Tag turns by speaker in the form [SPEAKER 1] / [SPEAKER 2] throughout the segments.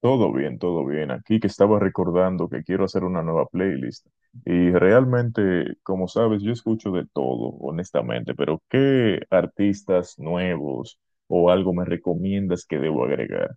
[SPEAKER 1] Todo bien, todo bien. Aquí que estaba recordando que quiero hacer una nueva playlist. Y realmente, como sabes, yo escucho de todo, honestamente, pero ¿qué artistas nuevos o algo me recomiendas que debo agregar?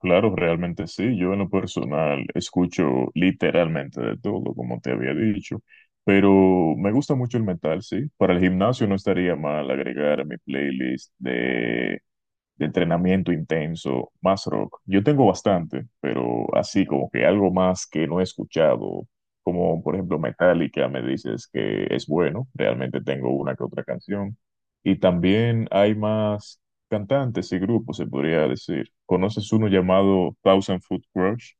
[SPEAKER 1] Claro, realmente sí. Yo en lo personal escucho literalmente de todo, como te había dicho, pero me gusta mucho el metal, sí. Para el gimnasio no estaría mal agregar a mi playlist de entrenamiento intenso, más rock. Yo tengo bastante, pero así como que algo más que no he escuchado, como por ejemplo Metallica, me dices que es bueno, realmente tengo una que otra canción. Y también hay más cantantes y grupos, se podría decir. ¿Conoces uno llamado Thousand Foot Crush?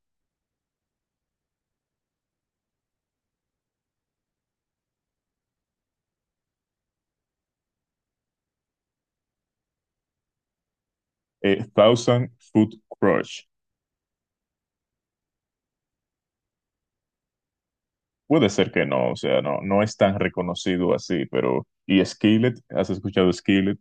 [SPEAKER 1] Thousand Foot Crush. Puede ser que no, o sea, no, no es tan reconocido así, pero… ¿Y Skillet? ¿Has escuchado Skillet?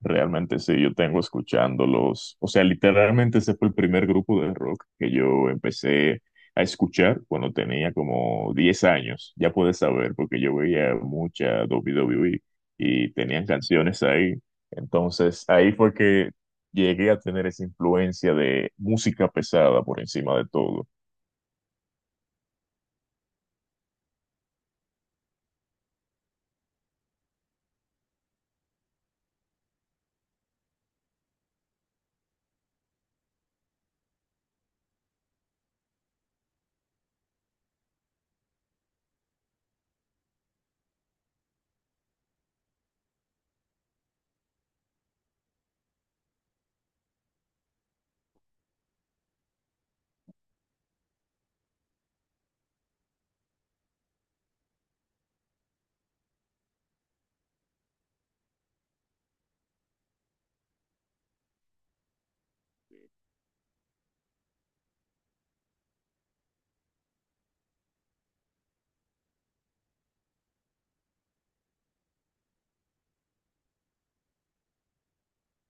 [SPEAKER 1] Realmente sí, yo tengo escuchándolos, o sea, literalmente ese fue el primer grupo de rock que yo empecé a escuchar cuando tenía como 10 años, ya puedes saber, porque yo veía mucha W WWE y tenían canciones ahí, entonces ahí fue que llegué a tener esa influencia de música pesada por encima de todo.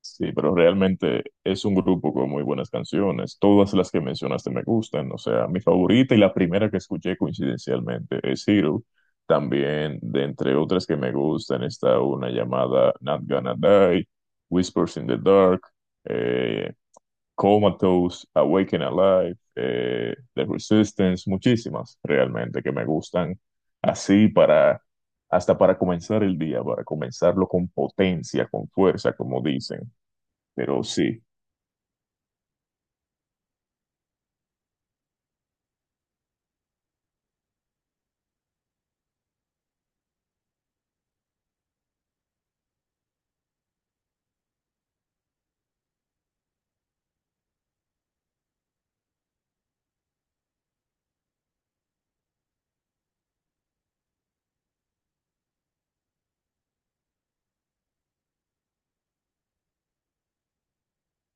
[SPEAKER 1] Sí, pero realmente es un grupo con muy buenas canciones. Todas las que mencionaste me gustan. O sea, mi favorita y la primera que escuché coincidencialmente es Hero. También, de entre otras que me gustan, está una llamada Not Gonna Die, Whispers in the Dark, eh, Comatose, Awaken Alive, The Resistance, muchísimas realmente que me gustan. Así hasta para comenzar el día, para comenzarlo con potencia, con fuerza, como dicen. Pero sí,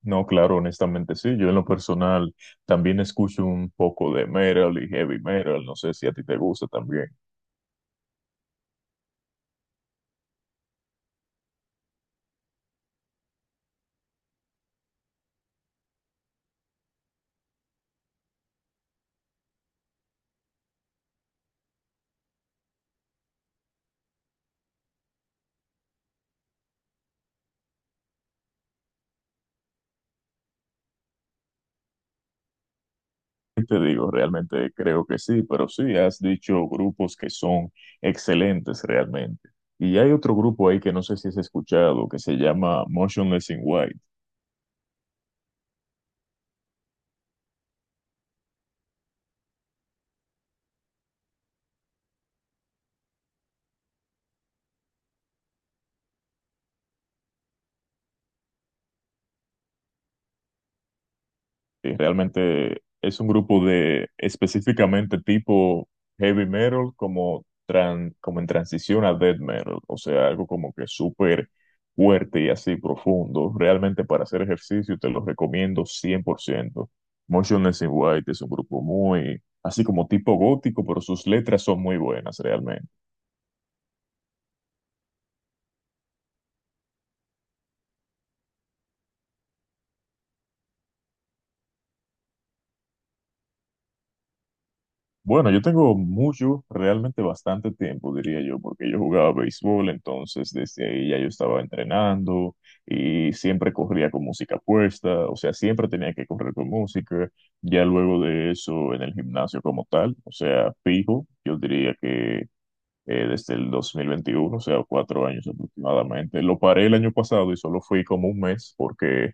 [SPEAKER 1] no, claro, honestamente sí. Yo en lo personal también escucho un poco de metal y heavy metal. No sé si a ti te gusta también. ¿Qué te digo? Realmente creo que sí, pero sí, has dicho grupos que son excelentes realmente. Y hay otro grupo ahí que no sé si has escuchado, que se llama Motionless in White. Y realmente es un grupo de específicamente tipo heavy metal, como, como en transición a death metal, o sea, algo como que súper fuerte y así profundo. Realmente para hacer ejercicio te lo recomiendo 100%. Motionless in White es un grupo muy, así como tipo gótico, pero sus letras son muy buenas realmente. Bueno, yo tengo mucho, realmente bastante tiempo, diría yo, porque yo jugaba béisbol, entonces desde ahí ya yo estaba entrenando y siempre corría con música puesta, o sea, siempre tenía que correr con música, ya luego de eso en el gimnasio como tal, o sea, fijo, yo diría que desde el 2021, o sea, 4 años aproximadamente, lo paré el año pasado y solo fui como un mes porque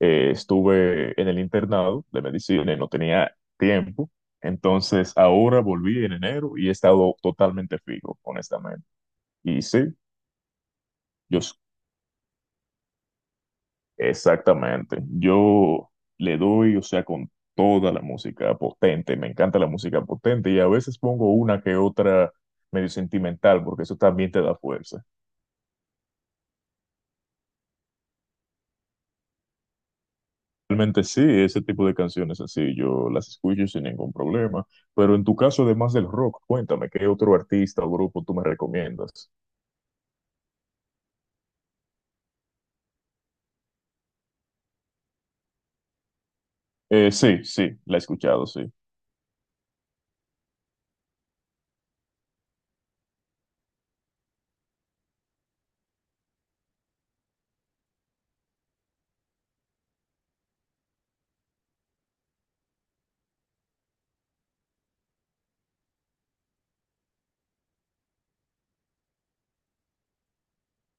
[SPEAKER 1] estuve en el internado de medicina y no tenía tiempo. Entonces ahora volví en enero y he estado totalmente fijo, honestamente. Y sí, yo s- exactamente. Yo le doy, o sea, con toda la música potente. Me encanta la música potente y a veces pongo una que otra medio sentimental porque eso también te da fuerza. Realmente sí, ese tipo de canciones así yo las escucho sin ningún problema. Pero en tu caso, además del rock, cuéntame, ¿qué otro artista o grupo tú me recomiendas? Sí, sí, la he escuchado, sí.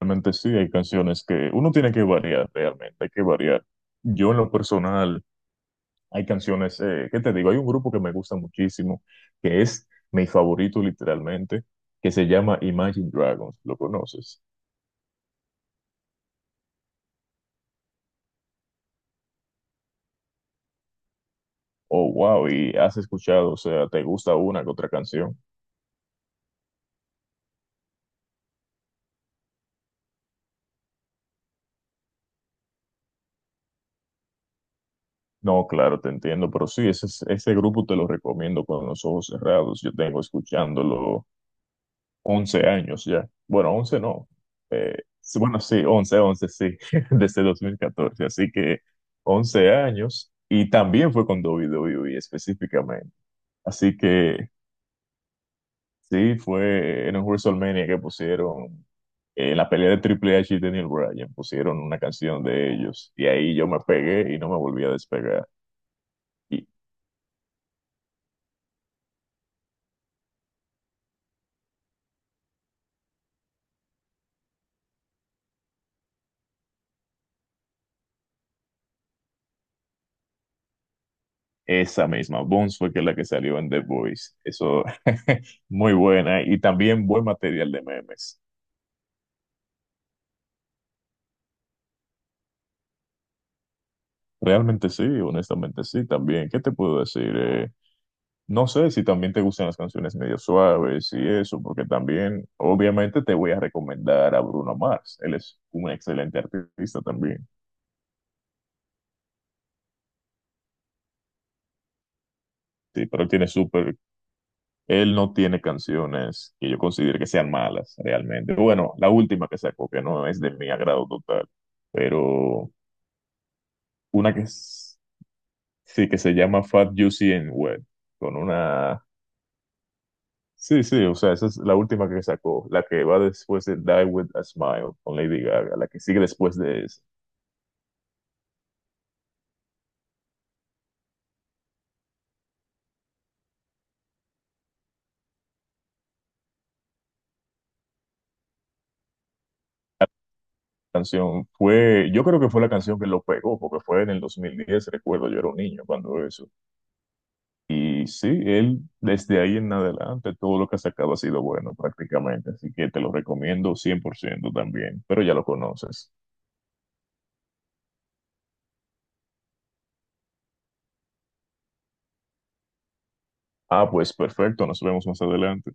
[SPEAKER 1] Realmente sí, hay canciones que uno tiene que variar, realmente, hay que variar. Yo en lo personal, hay canciones, ¿qué te digo? Hay un grupo que me gusta muchísimo, que es mi favorito literalmente, que se llama Imagine Dragons, ¿lo conoces? Oh, wow, y has escuchado, o sea, ¿te gusta una que otra canción? No, claro, te entiendo, pero sí, ese grupo te lo recomiendo con los ojos cerrados. Yo tengo escuchándolo 11 años ya. Bueno, 11 no. Eh, sí, bueno, sí, 11 sí, desde 2014. Así que 11 años y también fue con WWE específicamente. Así que sí, fue en un WrestleMania que pusieron, en la pelea de Triple H y Daniel Bryan, pusieron una canción de ellos y ahí yo me pegué y no me volví a despegar. Y esa misma, Bones fue que es la que salió en The Voice. Eso, muy buena. Y también buen material de memes. Realmente sí, honestamente sí, también. ¿Qué te puedo decir? No sé si también te gustan las canciones medio suaves y eso, porque también, obviamente, te voy a recomendar a Bruno Mars. Él es un excelente artista también. Sí, pero él tiene súper, él no tiene canciones que yo considere que sean malas realmente. Bueno, la última que sacó, que no es de mi agrado total, pero una que es- sí que se llama Fat Juicy and Wet con una, sí, sí, o sea esa es la última que sacó, la que va después de Die with a Smile con Lady Gaga, la que sigue después de esa canción fue, yo creo que fue la canción que lo pegó, porque fue en el 2010, recuerdo yo era un niño cuando eso. Y sí, él desde ahí en adelante todo lo que ha sacado ha sido bueno prácticamente, así que te lo recomiendo 100% también, pero ya lo conoces. Ah, pues perfecto, nos vemos más adelante.